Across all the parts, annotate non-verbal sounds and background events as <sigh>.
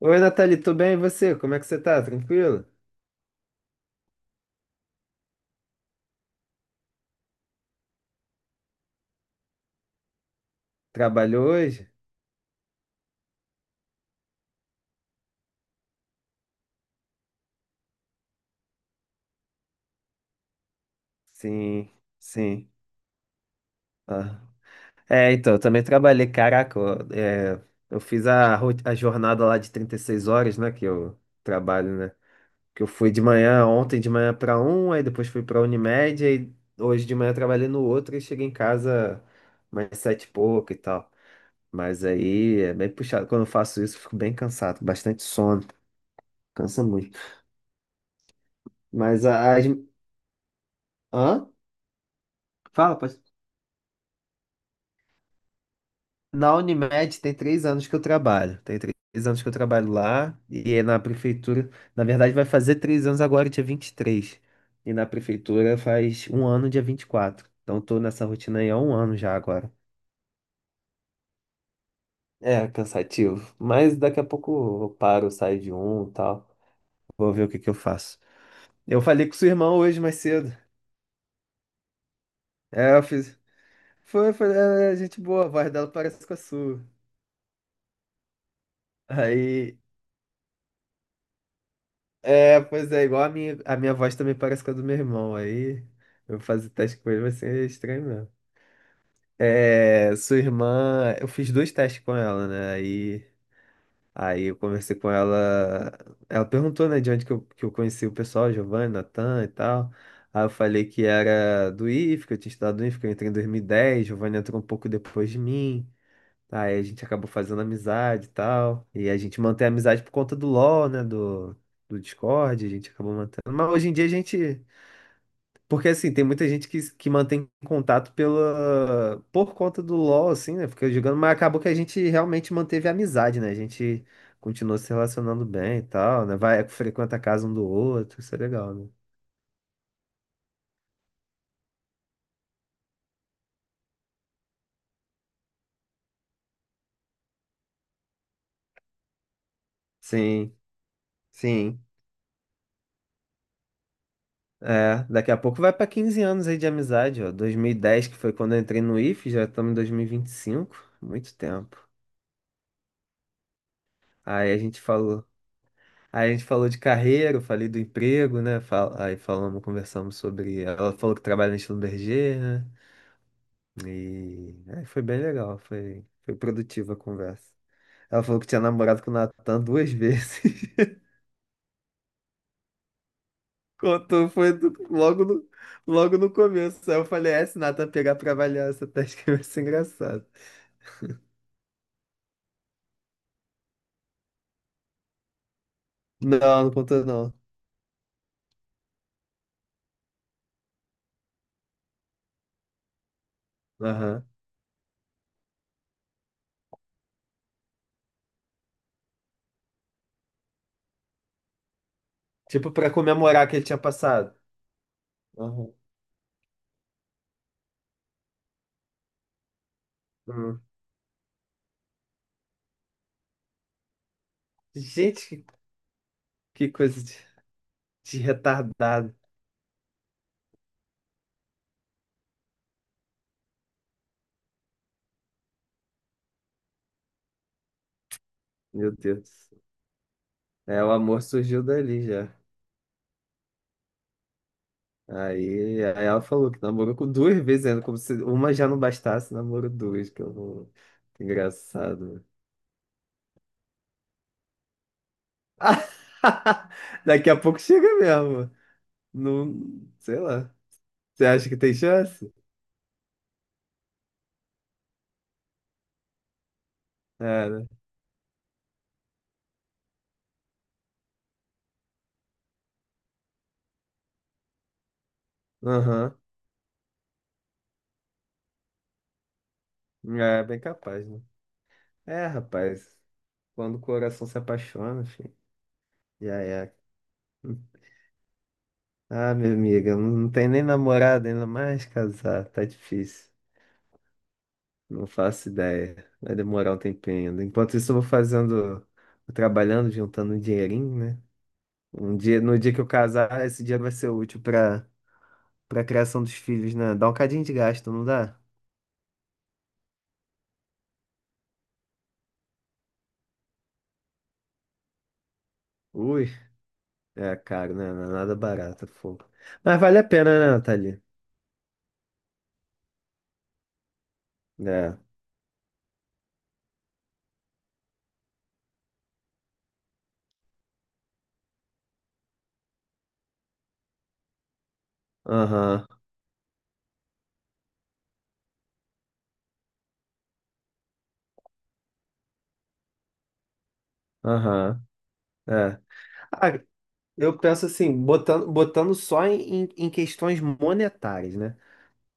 Oi, Nathalie, tudo bem? E você? Como é que você tá? Tranquilo? Trabalhou hoje? Sim, sim. Ah. É, então, eu também trabalhei, caraca, eu fiz a jornada lá de 36 horas, né, que eu trabalho, né? Que eu fui de manhã, ontem de manhã pra um, aí depois fui pra Unimed, aí hoje de manhã eu trabalhei no outro e cheguei em casa mais sete e pouco e tal. Mas aí é bem puxado. Quando eu faço isso, eu fico bem cansado, bastante sono, cansa muito. Mas as. Hã? Fala, pode. Na Unimed tem 3 anos que eu trabalho. Tem 3 anos que eu trabalho lá e é na prefeitura. Na verdade, vai fazer 3 anos agora, dia vinte e três, e na prefeitura faz um ano, dia 24. Então, tô nessa rotina aí há um ano já agora. É cansativo, mas daqui a pouco eu paro, saio de um e tal. Vou ver o que que eu faço. Eu falei com sua irmã hoje mais cedo. É, eu fiz. Foi, foi, é gente boa, a voz dela parece com a sua. Aí. É, pois é, igual a minha voz também parece com a do meu irmão. Aí eu fazer teste com ele vai ser estranho mesmo. É, sua irmã, eu fiz dois testes com ela, né? Aí eu conversei com ela. Ela perguntou, né, de onde que eu conheci o pessoal, Giovanni, Natan e tal. Aí eu falei que era do IF, que eu tinha estudado no IF, que eu entrei em 2010. Giovanni entrou um pouco depois de mim. Aí a gente acabou fazendo amizade e tal. E a gente mantém a amizade por conta do LoL, né? Do Discord, a gente acabou mantendo. Mas hoje em dia a gente. Porque assim, tem muita gente que mantém contato por conta do LoL, assim, né? Fica jogando, mas acabou que a gente realmente manteve a amizade, né? A gente continuou se relacionando bem e tal, né? Vai, frequenta a casa um do outro, isso é legal, né? Sim, sim. É, daqui a pouco vai pra 15 anos aí de amizade, ó. 2010, que foi quando eu entrei no IF, já estamos em 2025, muito tempo. Aí a gente falou, aí a gente falou de carreira, eu falei do emprego, né? Aí falamos, conversamos sobre, ela falou que trabalha na Schlumberger, né? E aí foi bem legal, foi produtiva a conversa. Ela falou que tinha namorado com o Natan duas vezes. <laughs> Contou, logo no começo. Aí eu falei, se o Natan pegar pra avaliar essa <laughs> teste que vai ser engraçado. Não, não contou não. Aham. Tipo, pra comemorar que ele tinha passado. Aham. Uhum. Gente, que coisa de retardado. Meu Deus. É, o amor surgiu dali já. Aí ela falou que namorou com duas vezes ainda, como se uma já não bastasse, namorou duas, que eu não. Que engraçado. <laughs> Daqui a pouco chega mesmo. Não, sei lá. Você acha que tem chance? É, né? Aham. É, bem capaz, né? É, rapaz. Quando o coração se apaixona, filho, já é. Ah, minha amiga, não não tem nem namorada, ainda mais casar, tá difícil. Não faço ideia. Vai demorar um tempinho ainda. Enquanto isso, eu vou fazendo, vou trabalhando, juntando um dinheirinho, né? Um dia, no dia que eu casar, esse dinheiro vai ser útil pra criação dos filhos, né? Dá um cadinho de gasto, não dá? Ui, é caro, né? Não é nada barato, fogo. Mas vale a pena, né, Nathalie? É. Aham, aham. É. Ah, Eu penso assim, botando só em questões monetárias, né?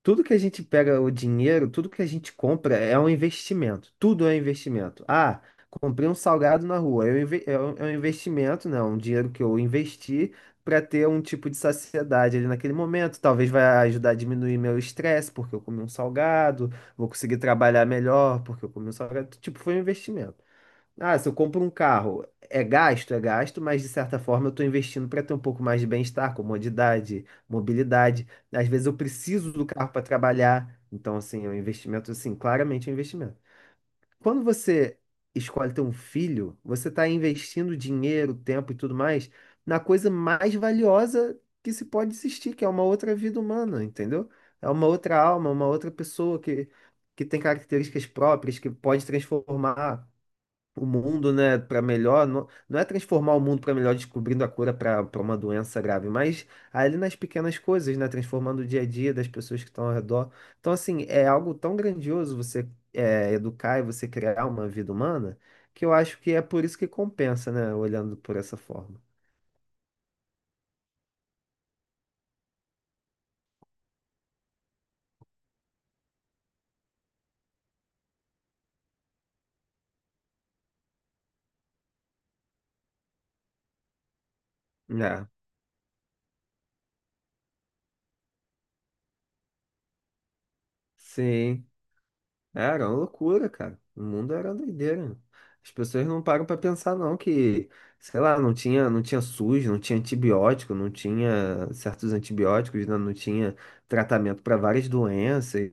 Tudo que a gente pega o dinheiro, tudo que a gente compra é um investimento. Tudo é um investimento. Comprei um salgado na rua. É um investimento, né? Um dinheiro que eu investi para ter um tipo de saciedade ali naquele momento. Talvez vai ajudar a diminuir meu estresse, porque eu comi um salgado. Vou conseguir trabalhar melhor, porque eu comi um salgado. Tipo, foi um investimento. Se eu compro um carro, é gasto, mas de certa forma eu estou investindo para ter um pouco mais de bem-estar, comodidade, mobilidade. Às vezes eu preciso do carro para trabalhar, então assim, é um investimento, assim, claramente é um investimento. Quando você escolhe ter um filho, você está investindo dinheiro, tempo e tudo mais na coisa mais valiosa que se pode existir, que é uma outra vida humana, entendeu? É uma outra alma, uma outra pessoa que tem características próprias, que pode transformar o mundo, né, para melhor. Não, não é transformar o mundo para melhor descobrindo a cura para uma doença grave, mas ali nas pequenas coisas, né, transformando o dia a dia das pessoas que estão ao redor. Então, assim, é algo tão grandioso você educar e você criar uma vida humana, que eu acho que é por isso que compensa, né, olhando por essa forma. É, sim. Era uma loucura, cara. O mundo era doideira. As pessoas não param pra pensar, não, que, sei lá, não tinha SUS, não tinha antibiótico, não tinha certos antibióticos, né? Não tinha tratamento para várias doenças.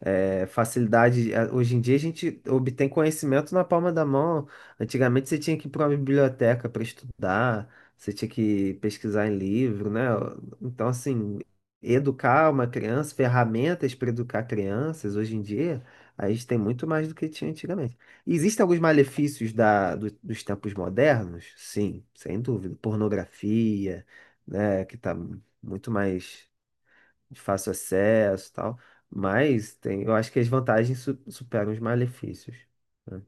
É, facilidade. Hoje em dia a gente obtém conhecimento na palma da mão. Antigamente você tinha que ir para uma biblioteca para estudar, você tinha que pesquisar em livro, né? Então, assim, educar uma criança, ferramentas para educar crianças hoje em dia. A gente tem muito mais do que tinha antigamente. Existem alguns malefícios dos tempos modernos? Sim, sem dúvida. Pornografia, né, que está muito mais de fácil acesso e tal. Mas tem, eu acho que as vantagens superam os malefícios. Né?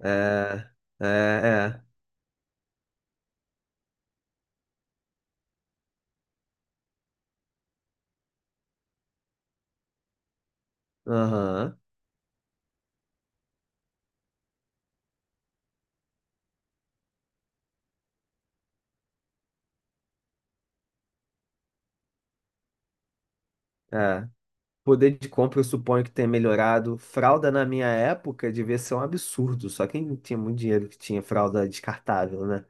É, é, é. Aham, é. Poder de compra, eu suponho que tenha melhorado. Fralda na minha época devia ser um absurdo. Só quem tinha muito dinheiro que tinha fralda descartável, né?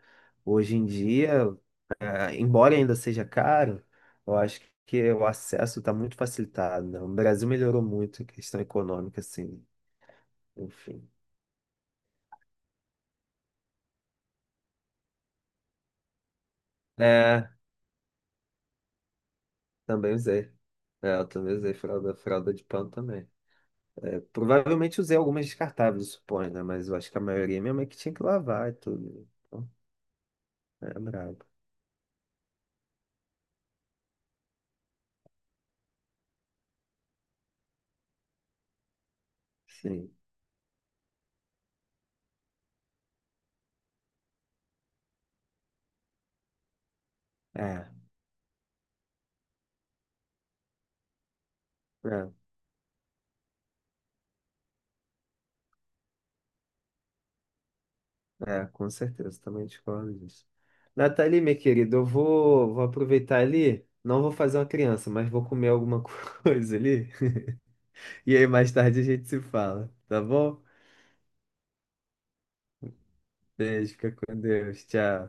Hoje em dia. Ah, embora ainda seja caro, eu acho que o acesso está muito facilitado, né? O Brasil melhorou muito a questão econômica, assim, enfim. É, também usei. É, eu também usei fralda, fralda de pano também. É, provavelmente usei algumas descartáveis, suponho, né? Mas eu acho que a maioria minha mãe que tinha que lavar e tudo. Então, é brabo. Sim. É, é, é, com certeza, também discordo disso. Nathalie, minha querida, eu vou aproveitar ali. Não vou fazer uma criança, mas vou comer alguma <laughs> coisa ali. E aí, mais tarde a gente se fala, tá bom? Beijo, fica com Deus. Tchau.